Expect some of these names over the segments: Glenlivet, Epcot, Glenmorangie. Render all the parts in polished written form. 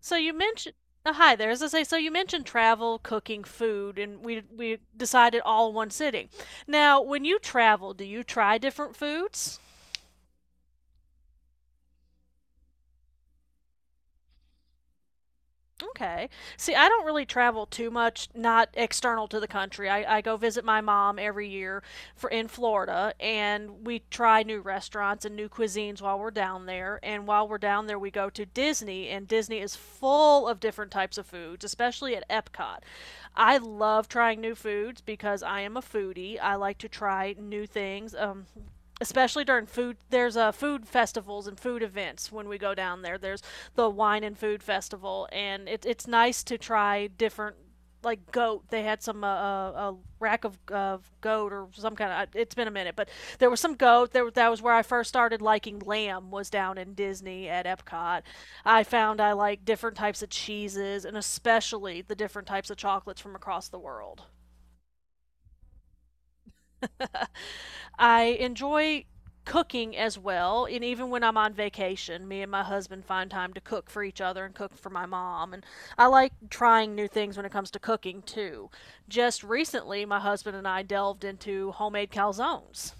So you mentioned oh, hi there. As I say, so you mentioned travel, cooking, food, and we decided all in one sitting. Now, when you travel, do you try different foods? Okay. See, I don't really travel too much, not external to the country. I go visit my mom every year, for in Florida, and we try new restaurants and new cuisines while we're down there. And while we're down there, we go to Disney, and Disney is full of different types of foods, especially at Epcot. I love trying new foods because I am a foodie. I like to try new things. Especially during food there's food festivals and food events when we go down there there's the wine and food festival and it's nice to try different like goat. They had some a rack of goat or some kind of. It's been a minute, but there was some goat. There that was where I first started liking lamb. Was down in Disney at Epcot. I found I like different types of cheeses and especially the different types of chocolates from across the world. I enjoy cooking as well. And even when I'm on vacation, me and my husband find time to cook for each other and cook for my mom. And I like trying new things when it comes to cooking too. Just recently, my husband and I delved into homemade calzones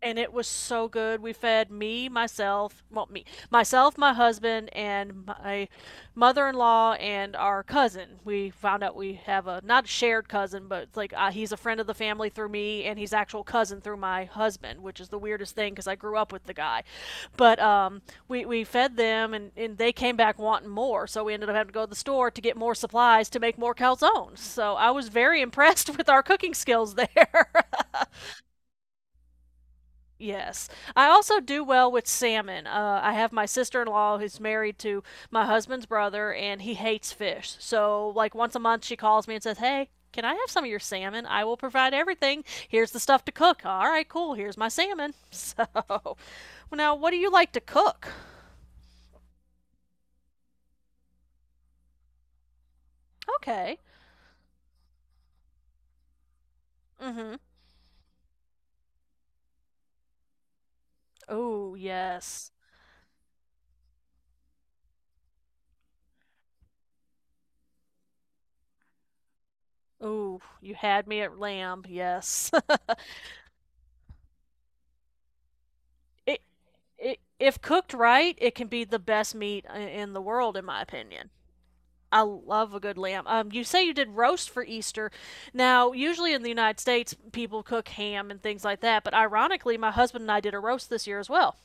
and it was so good. We fed me, myself, well, me, myself, my husband, and my mother-in-law and our cousin. We found out we have a not a shared cousin, but it's like he's a friend of the family through me, and he's actual cousin through my husband, which is the weirdest thing because I grew up with the guy. But we fed them, and they came back wanting more, so we ended up having to go to the store to get more supplies to make more calzones. So I was very impressed with our cooking skills there. Yes. I also do well with salmon. I have my sister in law who's married to my husband's brother, and he hates fish. So, like, once a month, she calls me and says, "Hey, can I have some of your salmon? I will provide everything. Here's the stuff to cook." All right, cool. Here's my salmon. So, well, now, what do you like to cook? Okay. Mm hmm. Oh yes. Oh, you had me at lamb. Yes. it, if cooked right, it can be the best meat in the world, in my opinion. I love a good lamb. You say you did roast for Easter. Now, usually in the United States, people cook ham and things like that, but ironically, my husband and I did a roast this year as well.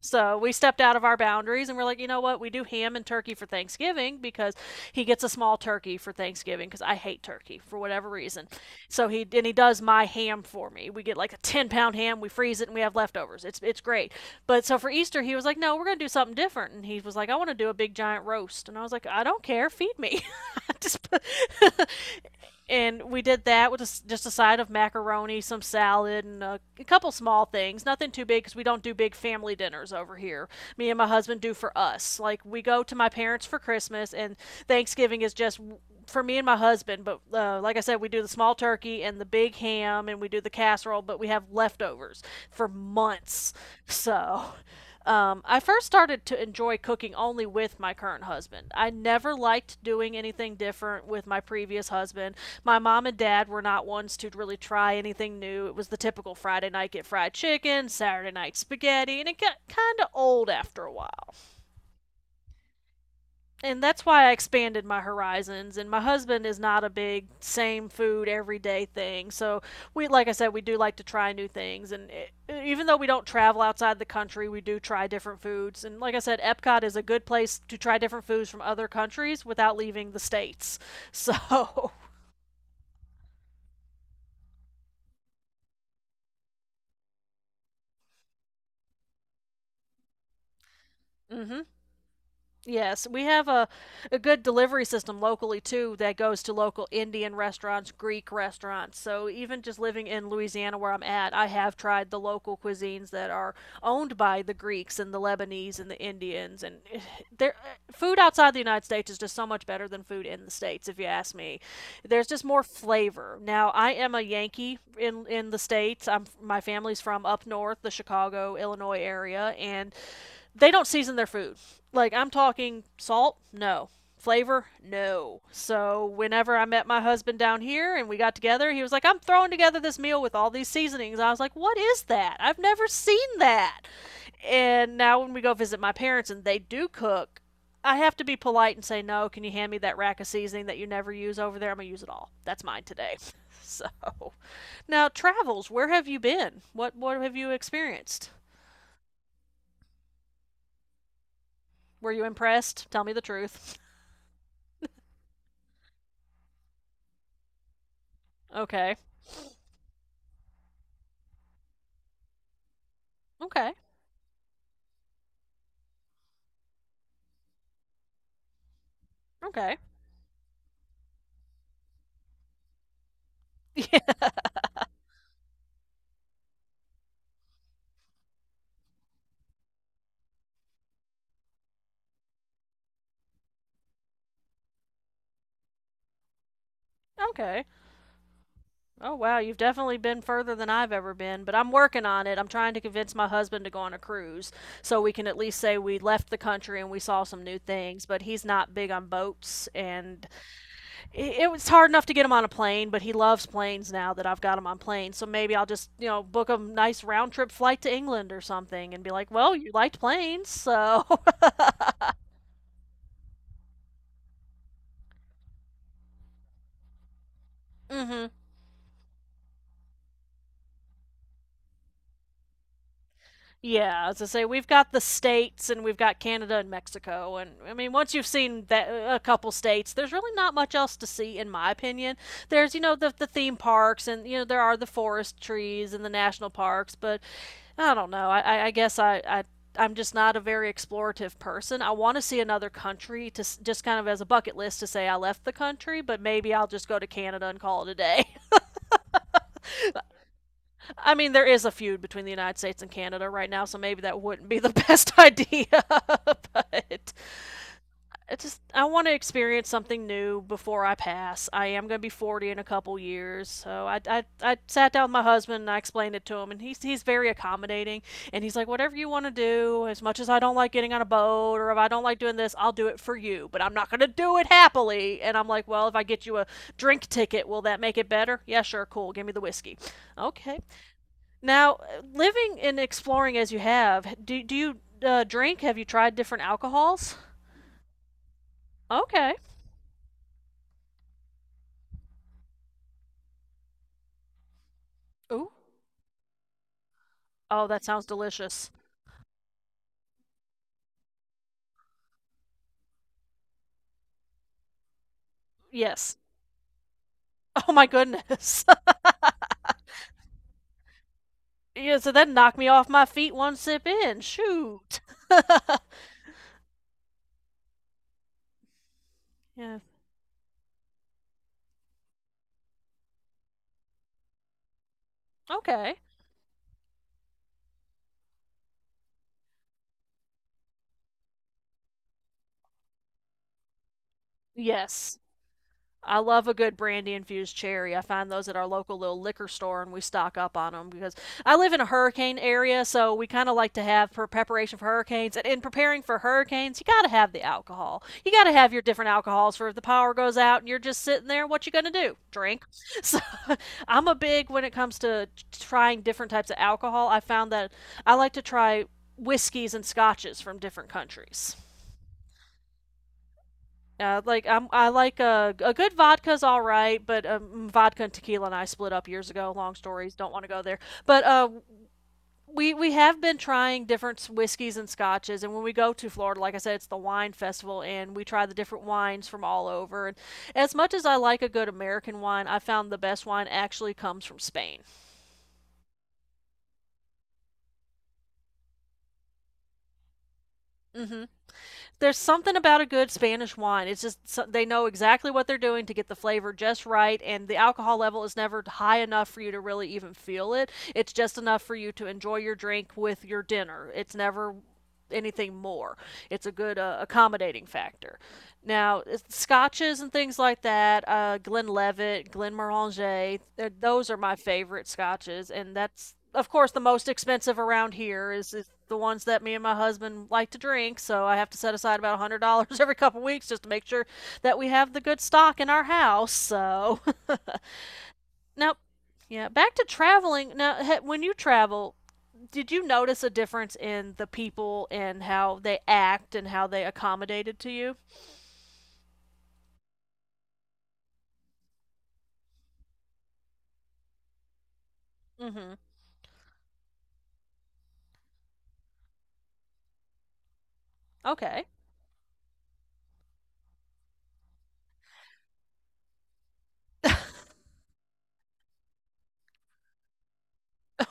So we stepped out of our boundaries and we're like, you know what? We do ham and turkey for Thanksgiving because he gets a small turkey for Thanksgiving because I hate turkey for whatever reason. So he and he does my ham for me. We get like a 10 pound ham, we freeze it, and we have leftovers. It's great. But so for Easter, he was like, no, we're gonna do something different, and he was like, I want to do a big giant roast, and I was like, I don't care, feed me. just put- and we did that with a s just a side of macaroni, some salad, and a couple small things. Nothing too big because we don't do big family dinners over here. Me and my husband do for us. Like we go to my parents for Christmas, and Thanksgiving is just for me and my husband. But like I said, we do the small turkey and the big ham, and we do the casserole. But we have leftovers for months, so I first started to enjoy cooking only with my current husband. I never liked doing anything different with my previous husband. My mom and dad were not ones to really try anything new. It was the typical Friday night get fried chicken, Saturday night spaghetti, and it got kind of old after a while and that's why I expanded my horizons. And my husband is not a big same food everyday thing. So we, like I said, we do like to try new things. And it, even though we don't travel outside the country, we do try different foods. And like I said, Epcot is a good place to try different foods from other countries without leaving the states. So. Mm-hmm. Yes, we have a good delivery system locally too that goes to local Indian restaurants, Greek restaurants. So even just living in Louisiana where I'm at, I have tried the local cuisines that are owned by the Greeks and the Lebanese and the Indians and there food outside the United States is just so much better than food in the States if you ask me. There's just more flavor. Now, I am a Yankee in the States. I'm My family's from up north, the Chicago, Illinois area and they don't season their food. Like I'm talking salt, no. Flavor, no. So whenever I met my husband down here and we got together, he was like, "I'm throwing together this meal with all these seasonings." I was like, "What is that? I've never seen that." And now when we go visit my parents and they do cook, I have to be polite and say, "No, can you hand me that rack of seasoning that you never use over there? I'm going to use it all. That's mine today." So, now travels, where have you been? What have you experienced? Were you impressed? Tell me the truth. Okay. Okay. Okay. Yeah. Okay. Oh wow, you've definitely been further than I've ever been, but I'm working on it. I'm trying to convince my husband to go on a cruise so we can at least say we left the country and we saw some new things, but he's not big on boats and it was hard enough to get him on a plane, but he loves planes now that I've got him on planes. So maybe I'll just, you know, book a nice round trip flight to England or something and be like, "Well, you liked planes, so." Mhm. Yeah, as I say, we've got the states and we've got Canada and Mexico, and I mean, once you've seen that a couple states, there's really not much else to see, in my opinion. There's you know the theme parks, and you know there are the forest trees and the national parks, but I don't know. I guess I'm just not a very explorative person. I want to see another country to just kind of as a bucket list to say I left the country, but maybe I'll just go to Canada and call it a day. I mean, there is a feud between the United States and Canada right now, so maybe that wouldn't be the best idea. But I want to experience something new before I pass. I am going to be 40 in a couple years, so I sat down with my husband and I explained it to him, and he's very accommodating, and he's like, whatever you want to do. As much as I don't like getting on a boat, or if I don't like doing this, I'll do it for you, but I'm not going to do it happily. And I'm like, well, if I get you a drink ticket, will that make it better? Yeah, sure, cool. Give me the whiskey. Okay, now, living and exploring as you have, do you drink? Have you tried different alcohols? Okay. Ooh. Oh, that sounds delicious. Yes. Oh my goodness. Yeah, so that knocked me off my feet one sip in. Shoot. Yeah. Okay. Yes. I love a good brandy infused cherry. I find those at our local little liquor store and we stock up on them because I live in a hurricane area, so we kind of like to have for preparation for hurricanes. And in preparing for hurricanes, you got to have the alcohol. You got to have your different alcohols for if the power goes out and you're just sitting there, what you going to do? Drink. So I'm a big when it comes to trying different types of alcohol. I found that I like to try whiskeys and scotches from different countries. Like I like a good vodka's all right, but vodka and tequila and I split up years ago. Long stories, don't want to go there. But We have been trying different whiskeys and scotches, and when we go to Florida, like I said, it's the wine festival, and we try the different wines from all over. And as much as I like a good American wine, I found the best wine actually comes from Spain. Mm-hmm. There's something about a good Spanish wine. It's just so, they know exactly what they're doing to get the flavor just right, and the alcohol level is never high enough for you to really even feel it. It's just enough for you to enjoy your drink with your dinner. It's never anything more. It's a good accommodating factor. Now, scotches and things like that, Glenlivet, Glenmorangie, they those are my favorite scotches, and that's of course the most expensive around here is the ones that me and my husband like to drink. So I have to set aside about $100 every couple weeks just to make sure that we have the good stock in our house. So now, yeah, back to traveling. Now, when you travel, did you notice a difference in the people and how they act and how they accommodated to you? Mm-hmm. Okay.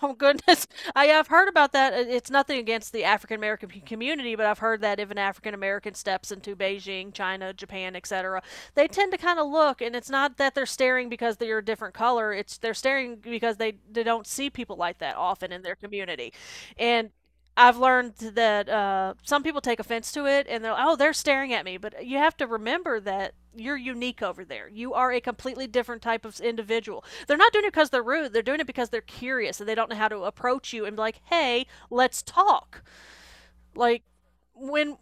Oh goodness. I have heard about that. It's nothing against the African American community, but I've heard that if an African American steps into Beijing, China, Japan, etc., they tend to kind of look, and it's not that they're staring because they're a different color, it's they're staring because they don't see people like that often in their community. And I've learned that some people take offense to it and they're, oh, they're staring at me, but you have to remember that you're unique over there. You are a completely different type of individual. They're not doing it because they're rude, they're doing it because they're curious and they don't know how to approach you and be like, hey, let's talk. Like when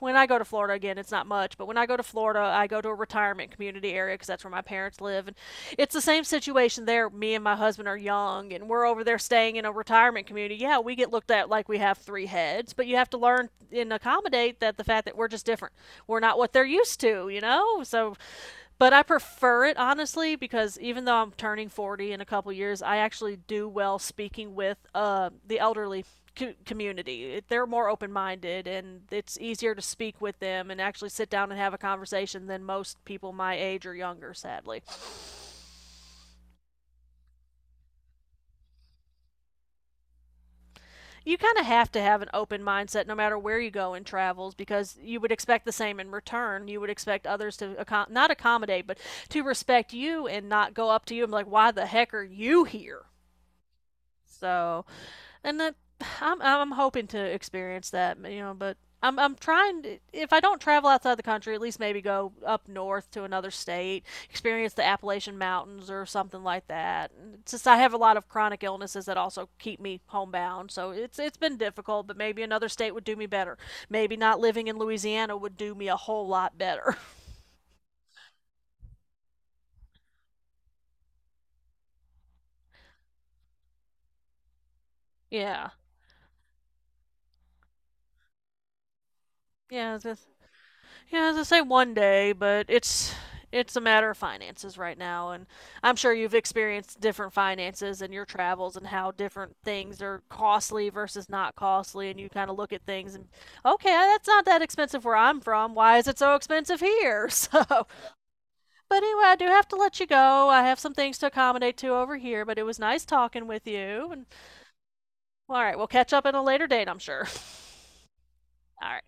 I go to Florida again, it's not much, but when I go to Florida, I go to a retirement community area because that's where my parents live, and it's the same situation there. Me and my husband are young, and we're over there staying in a retirement community. Yeah, we get looked at like we have three heads, but you have to learn and accommodate that the fact that we're just different. We're not what they're used to, you know. So but I prefer it honestly because even though I'm turning 40 in a couple years, I actually do well speaking with the elderly community. It- They're more open minded and it's easier to speak with them and actually sit down and have a conversation than most people my age or younger, sadly. You kind of have to have an open mindset no matter where you go in travels because you would expect the same in return. You would expect others to not accommodate, but to respect you and not go up to you and be like, why the heck are you here? So and that I'm hoping to experience that, you know, but I'm trying to, if I don't travel outside the country, at least maybe go up north to another state, experience the Appalachian Mountains or something like that. And it's I have a lot of chronic illnesses that also keep me homebound, so it's been difficult, but maybe another state would do me better. Maybe not living in Louisiana would do me a whole lot better. Yeah. Yeah, it's just, Yeah, as I say, one day, but it's a matter of finances right now, and I'm sure you've experienced different finances in your travels and how different things are costly versus not costly, and you kind of look at things and okay, that's not that expensive where I'm from. Why is it so expensive here? So, but anyway, I do have to let you go. I have some things to accommodate to over here, but it was nice talking with you. And all right, we'll catch up at a later date, I'm sure. All right.